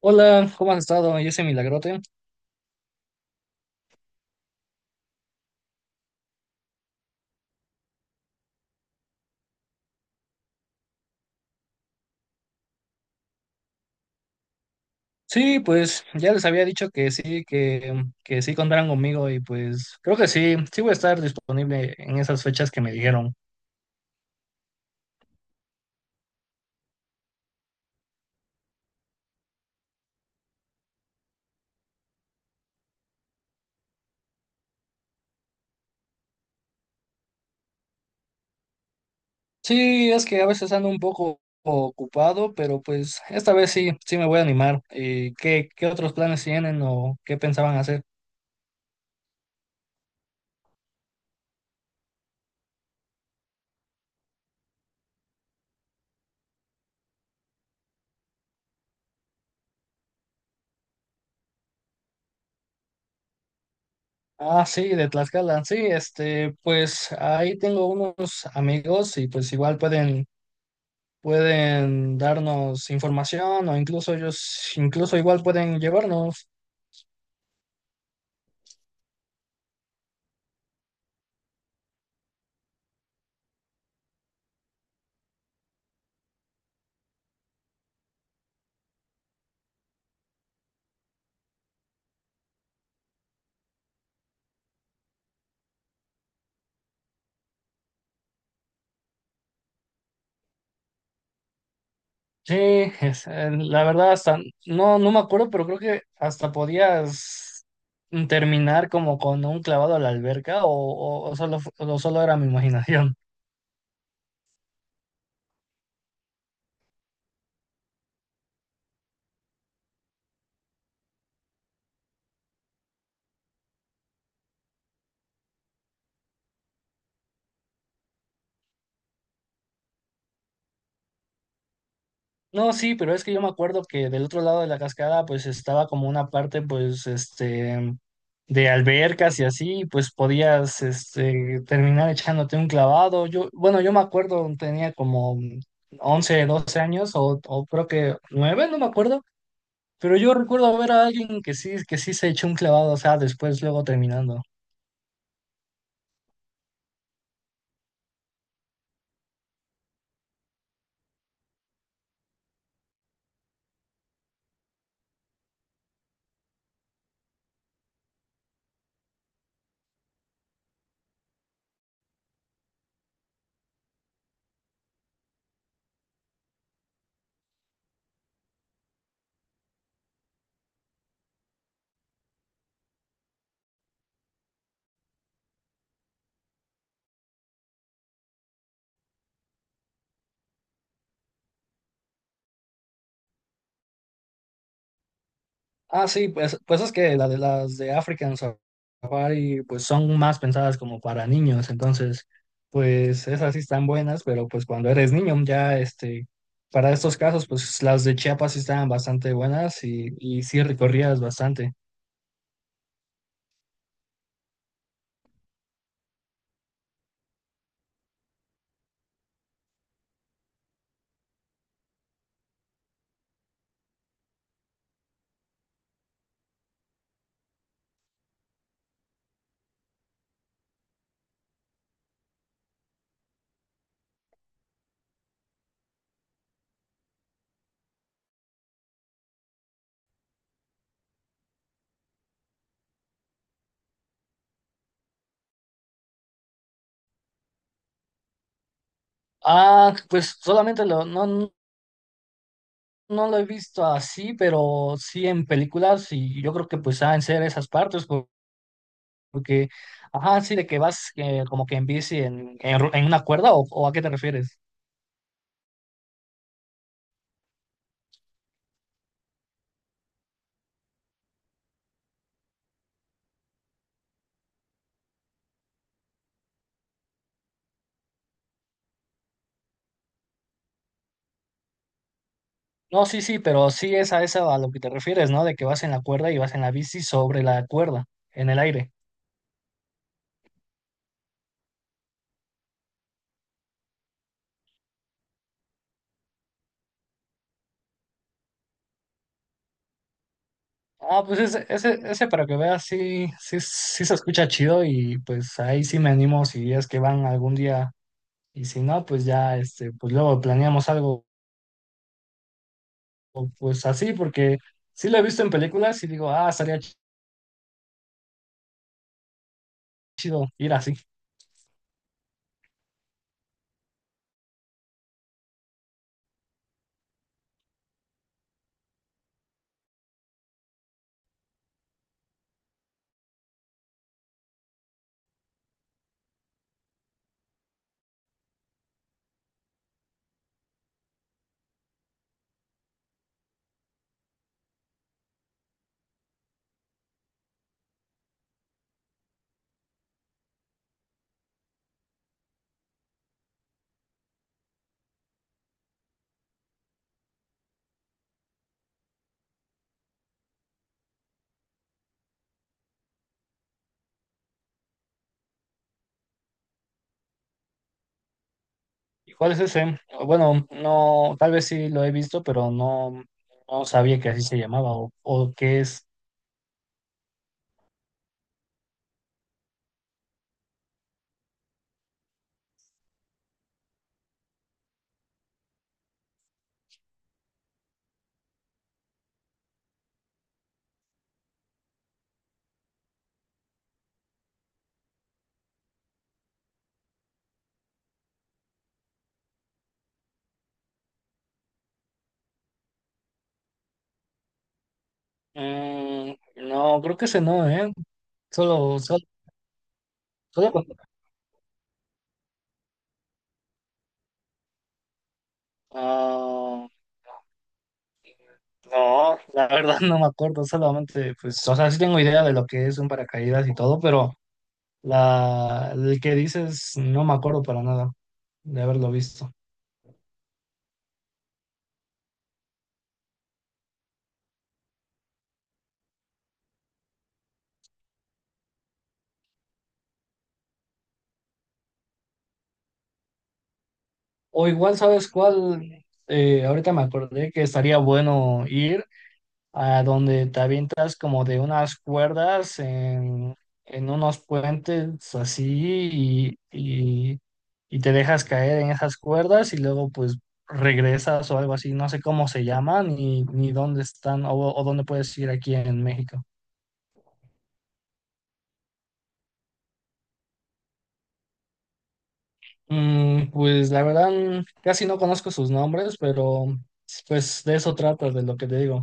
Hola, ¿cómo has estado? Yo soy Milagrote. Sí, pues ya les había dicho que sí, que sí contaran conmigo y pues creo que sí, sí voy a estar disponible en esas fechas que me dijeron. Sí, es que a veces ando un poco ocupado, pero pues esta vez sí, sí me voy a animar. ¿Y qué, qué otros planes tienen o qué pensaban hacer? Ah, sí, de Tlaxcala. Sí, este, pues ahí tengo unos amigos y pues igual pueden darnos información o incluso ellos, incluso igual pueden llevarnos. Sí, la verdad hasta, no, no me acuerdo, pero creo que hasta podías terminar como con un clavado a la alberca o, o solo, o solo era mi imaginación. No, sí, pero es que yo me acuerdo que del otro lado de la cascada pues estaba como una parte pues este de albercas y así, pues podías este terminar echándote un clavado. Yo, bueno, yo me acuerdo, tenía como 11 12 años o creo que 9 no me acuerdo, pero yo recuerdo ver a alguien que sí se echó un clavado, o sea, después luego terminando. Ah, sí, pues, pues es que las de African Safari pues son más pensadas como para niños, entonces pues esas sí están buenas, pero pues cuando eres niño ya este, para estos casos pues las de Chiapas sí estaban bastante buenas y sí recorrías bastante. Ah, pues solamente lo, no, no lo he visto así, pero sí en películas y yo creo que pues han ser esas partes porque, ajá, sí de que vas como que en bici en, en una cuerda o ¿a qué te refieres? No, sí, sí, pero sí es a eso a lo que te refieres, ¿no? De que vas en la cuerda y vas en la bici sobre la cuerda, en el aire. Ah, pues ese para que veas, sí, sí, sí se escucha chido y pues ahí sí me animo si es que van algún día y si no, pues ya, este, pues luego planeamos algo pues así porque sí lo he visto en películas y digo, ah, estaría chido ir así. ¿Y cuál es ese? Bueno, no, tal vez sí lo he visto, pero no, no sabía que así se llamaba o qué es. Mm, no, creo que ese no, ¿eh? Solo, solo, solo con- Ah, no, la verdad no me acuerdo, solamente, pues, o sea, sí tengo idea de lo que es un paracaídas y todo, pero la, el que dices no me acuerdo para nada de haberlo visto. O igual, ¿sabes cuál? Ahorita me acordé que estaría bueno ir a donde te avientas como de unas cuerdas en unos puentes así y, y, y te dejas caer en esas cuerdas y luego pues regresas o algo así, no sé cómo se llaman ni, ni dónde están o dónde puedes ir aquí en México. Mm, pues la verdad casi no conozco sus nombres, pero pues de eso trata, de lo que te digo.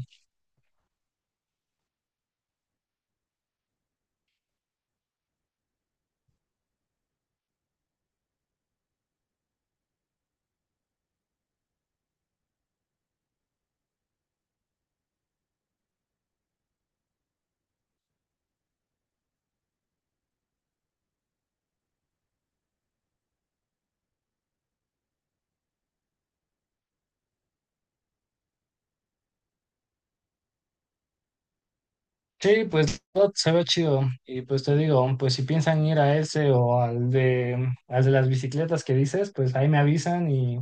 Sí, pues todo se ve chido. Y pues te digo, pues si piensan ir a ese o al de las bicicletas que dices, pues ahí me avisan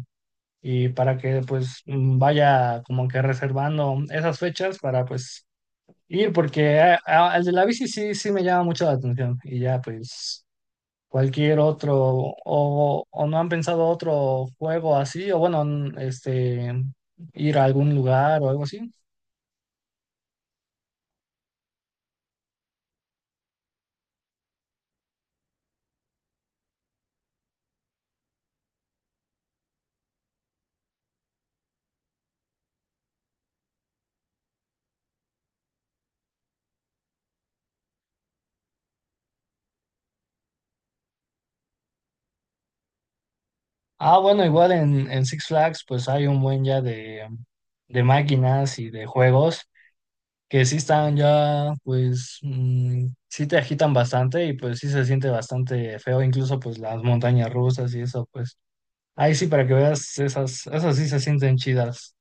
y para que pues vaya como que reservando esas fechas para pues ir, porque al de la bici sí, sí me llama mucho la atención. Y ya pues cualquier otro, o no han pensado otro juego así, o bueno, este, ir a algún lugar o algo así. Ah, bueno, igual en Six Flags pues hay un buen ya de máquinas y de juegos que sí están ya pues sí te agitan bastante y pues sí se siente bastante feo, incluso pues las montañas rusas y eso pues ahí sí para que veas esas, esas sí se sienten chidas.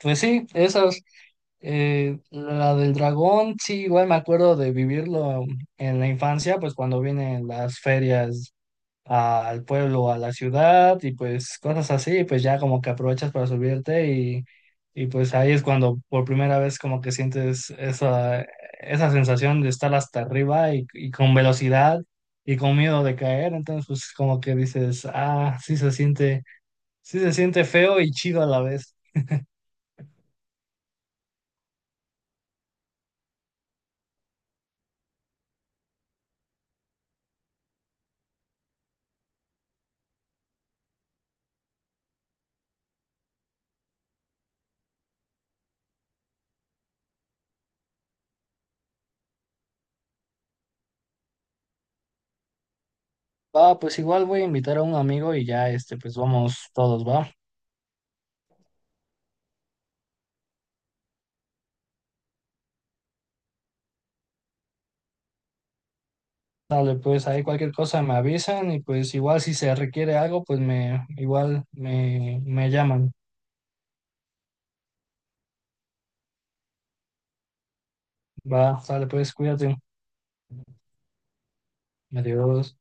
Pues sí, esas, la del dragón sí igual me acuerdo de vivirlo en la infancia pues cuando vienen las ferias al pueblo, a la ciudad y pues cosas así, pues ya como que aprovechas para subirte y pues ahí es cuando por primera vez como que sientes esa, esa sensación de estar hasta arriba y con velocidad y con miedo de caer, entonces pues como que dices, ah, sí se siente feo y chido a la vez. Ah, pues igual voy a invitar a un amigo y ya este, pues vamos todos, ¿va? Dale, pues ahí cualquier cosa me avisan y pues igual si se requiere algo, pues me igual me, me llaman. Va, dale, pues cuídate. Adiós.